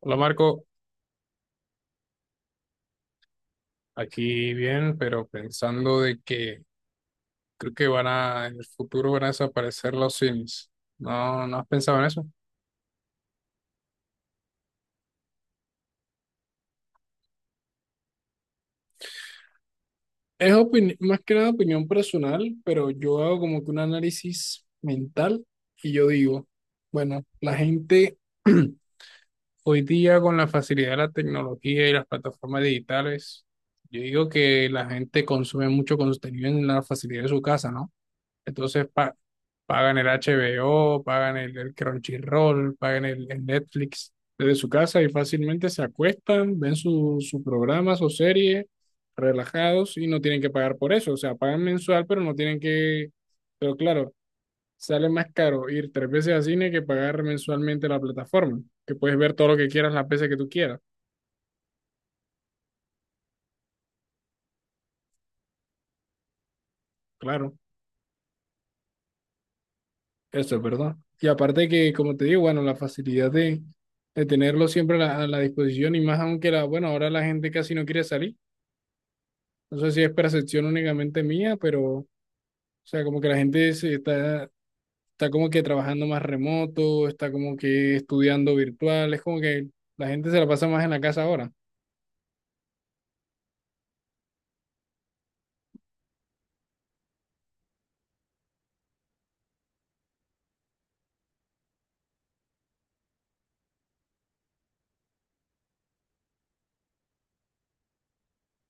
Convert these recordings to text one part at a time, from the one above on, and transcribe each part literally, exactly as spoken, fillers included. Hola Marco, aquí bien, pero pensando de que creo que van a, en el futuro van a desaparecer los Sims. No, ¿no has pensado en eso? Es opini- más que nada opinión personal, pero yo hago como que un análisis mental y yo digo, bueno, la gente hoy día con la facilidad de la tecnología y las plataformas digitales, yo digo que la gente consume mucho contenido en la facilidad de su casa, ¿no? Entonces pa- Pagan el H B O, pagan el, el Crunchyroll, pagan el, el Netflix desde su casa y fácilmente se acuestan, ven sus su programas o series relajados y no tienen que pagar por eso. O sea, pagan mensual, pero no tienen que... Pero claro, sale más caro ir tres veces al cine que pagar mensualmente la plataforma, que puedes ver todo lo que quieras las veces que tú quieras. Claro. Eso es verdad. Y aparte que, como te digo, bueno, la facilidad de, de tenerlo siempre a la, a la disposición y más aunque la, bueno, ahora la gente casi no quiere salir. No sé si es percepción únicamente mía, pero, o sea, como que la gente se está, está como que trabajando más remoto, está como que estudiando virtual, es como que la gente se la pasa más en la casa ahora.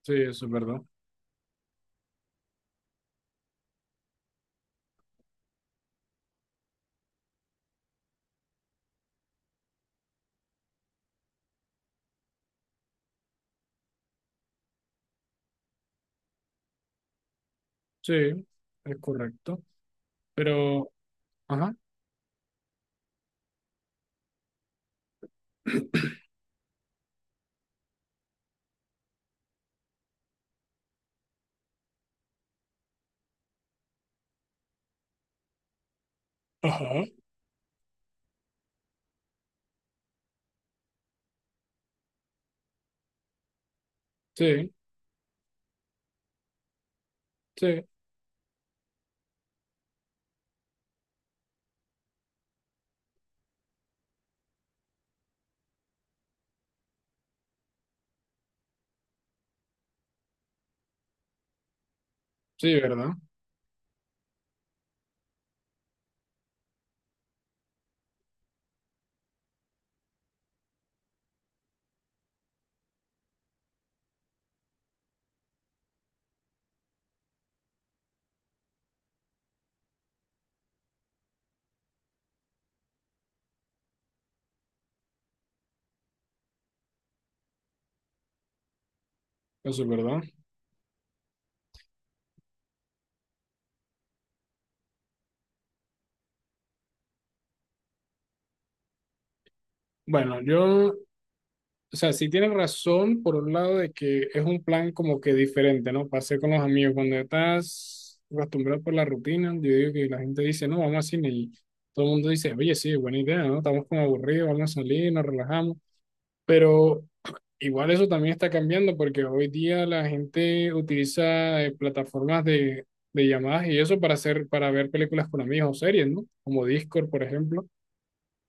Sí, eso es verdad. Sí, es correcto. Pero, ajá. Ajá. Sí, sí, sí, ¿verdad? Eso es verdad. Bueno, yo o sea, sí tienes razón por un lado de que es un plan como que diferente, ¿no? Para hacer con los amigos. Cuando estás acostumbrado por la rutina, yo digo que la gente dice, no, vamos al cine y todo el mundo dice, oye, sí, buena idea, ¿no? Estamos como aburridos, vamos a salir, nos relajamos. Pero igual eso también está cambiando porque hoy día la gente utiliza eh, plataformas de, de llamadas y eso para hacer, para ver películas con amigos o series, ¿no? Como Discord, por ejemplo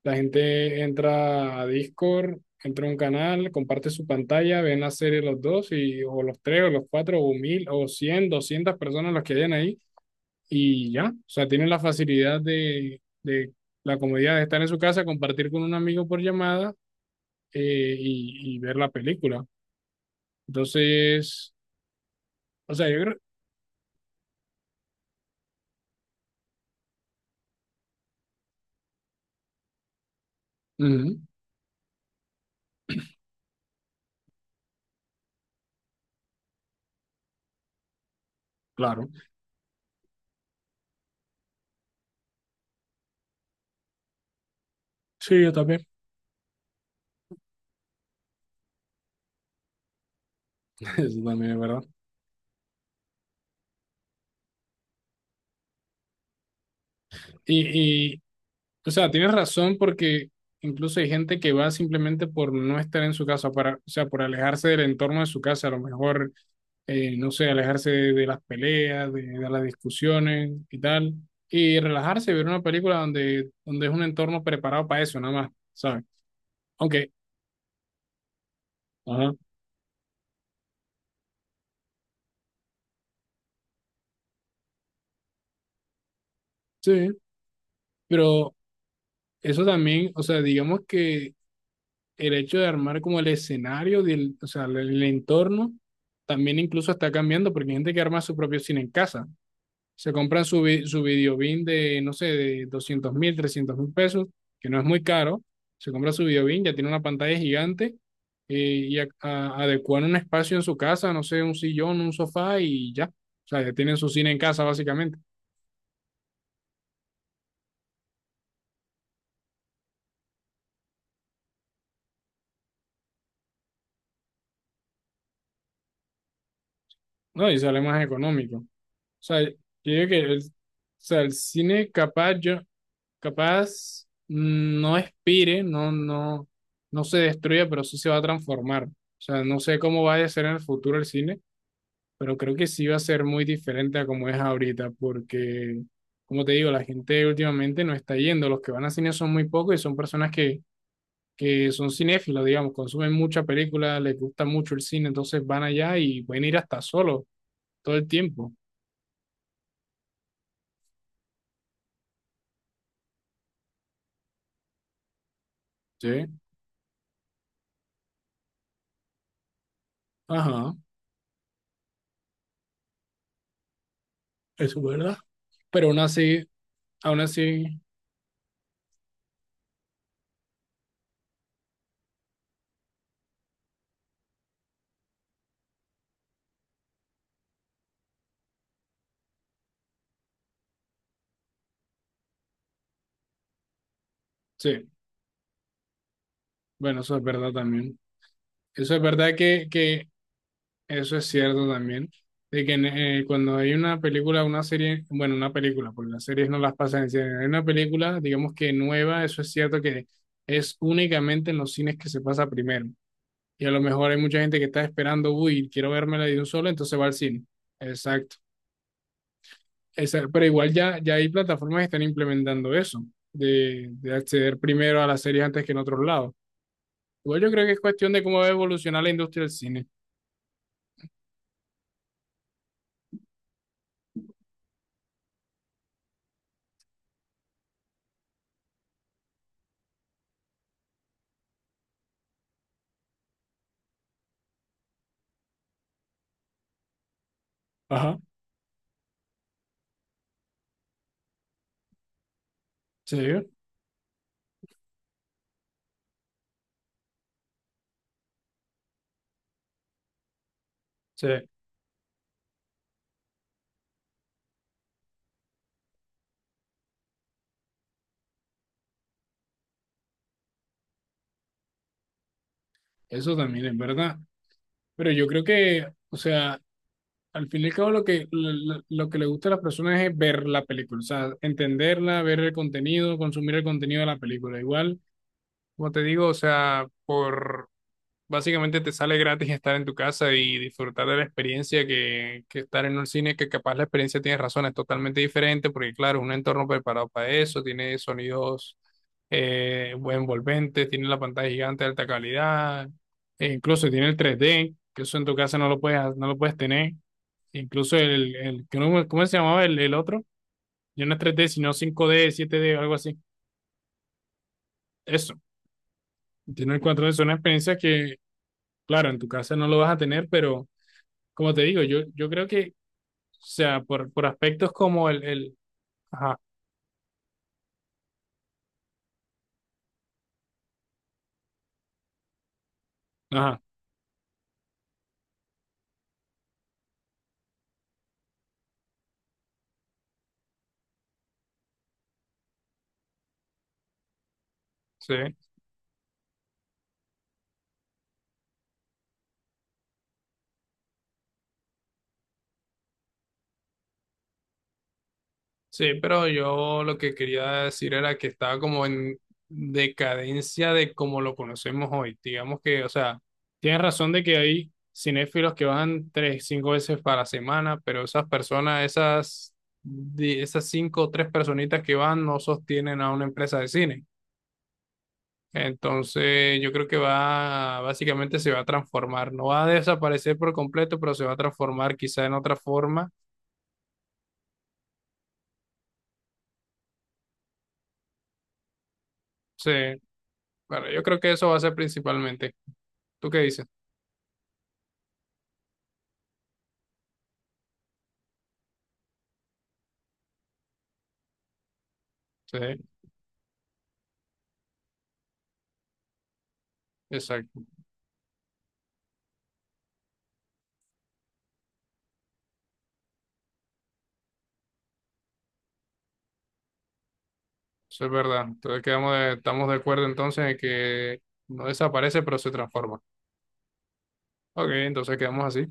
la gente entra a Discord, entra a un canal, comparte su pantalla, ven la serie los dos, y, o los tres, o los cuatro, o mil, o cien, doscientas personas los que hayan ahí, y ya. O sea, tienen la facilidad de, de la comodidad de estar en su casa, compartir con un amigo por llamada eh, y, y ver la película. Entonces, o sea, yo creo. Ujú, claro. Sí, yo también. Eso también es verdad. Y, o sea, tienes razón porque incluso hay gente que va simplemente por no estar en su casa, para, o sea, por alejarse del entorno de su casa, a lo mejor, eh, no sé, alejarse de, de las peleas, de, de las discusiones y tal, y relajarse, ver una película donde, donde es un entorno preparado para eso, nada más, ¿sabes? Aunque, ajá, sí, pero eso también, o sea, digamos que el hecho de armar como el escenario, del, o sea, el el entorno, también incluso está cambiando porque hay gente que arma su propio cine en casa. Se compran su, vi- su videobin de, no sé, de doscientos mil, trescientos mil pesos, que no es muy caro. Se compra su videobin, ya tiene una pantalla gigante eh, y a- a- adecuan un espacio en su casa, no sé, un sillón, un sofá y ya. O sea, ya tienen su cine en casa básicamente, ¿no? Y sale más económico. O sea, yo digo que el, o sea, el cine capaz, yo, capaz mm, no expire, no, no, no se destruye, pero sí se va a transformar. O sea, no sé cómo va a ser en el futuro el cine pero creo que sí va a ser muy diferente a como es ahorita, porque, como te digo, la gente últimamente no está yendo, los que van a cine son muy pocos y son personas que, que son cinéfilos, digamos, consumen mucha película, les gusta mucho el cine, entonces van allá y pueden ir hasta solo todo el tiempo. Sí, ajá, eso es verdad. Pero aún así, aún así, sí, bueno, eso es verdad también. Eso es verdad que, que eso es cierto también, de que en- eh, cuando hay una película, una serie, bueno, una película, porque las series no las pasan en cine, hay una película, digamos que nueva, eso es cierto que es únicamente en los cines que se pasa primero. Y a lo mejor hay mucha gente que está esperando, uy, quiero vérmela de un solo, entonces va al cine. Exacto. Esa- pero igual ya, ya hay plataformas que están implementando eso, de, de acceder primero a las series antes que en otros lados. Igual yo creo que es cuestión de cómo va a evolucionar la industria del cine. Ajá, sí, sí. Eso también es verdad. Pero yo creo que, o sea, al fin y al cabo lo que, lo, lo- lo que le gusta a las personas es ver la película, o sea, entenderla, ver el contenido, consumir el contenido de la película. Igual, como te digo, o sea, por... Básicamente te sale gratis estar en tu casa y disfrutar de la experiencia que, que estar en un cine, que capaz la experiencia tiene razón, es totalmente diferente, porque claro, es un entorno preparado para eso, tiene sonidos eh, buen envolventes, tiene la pantalla gigante de alta calidad, e incluso tiene el tres d que eso en tu casa no lo puedes, no lo puedes tener, incluso el, el ¿cómo cómo se llamaba el, el otro? Ya no es tres d sino cinco d siete d algo así. Eso, tiene el cuatro d es una experiencia que, claro, en tu casa no lo vas a tener, pero como te digo, yo, yo creo que, o sea, por, por aspectos como el, el, Ajá, ajá, sí, sí, pero yo lo que quería decir era que estaba como en decadencia de como lo conocemos hoy. Digamos que, o sea, tienes razón de que hay cinéfilos que van tres, cinco veces para la semana, pero esas personas, esas, di- esas cinco o tres personitas que van no sostienen a una empresa de cine. Entonces, yo creo que va, básicamente se va a transformar, no va a desaparecer por completo, pero se va a transformar quizá en otra forma. Sí, bueno, yo creo que eso va a ser principalmente. ¿Tú qué dices? Sí, exacto, eso es verdad. Entonces, quedamos de- estamos de acuerdo entonces en que no desaparece, pero se transforma. Ok, entonces quedamos así.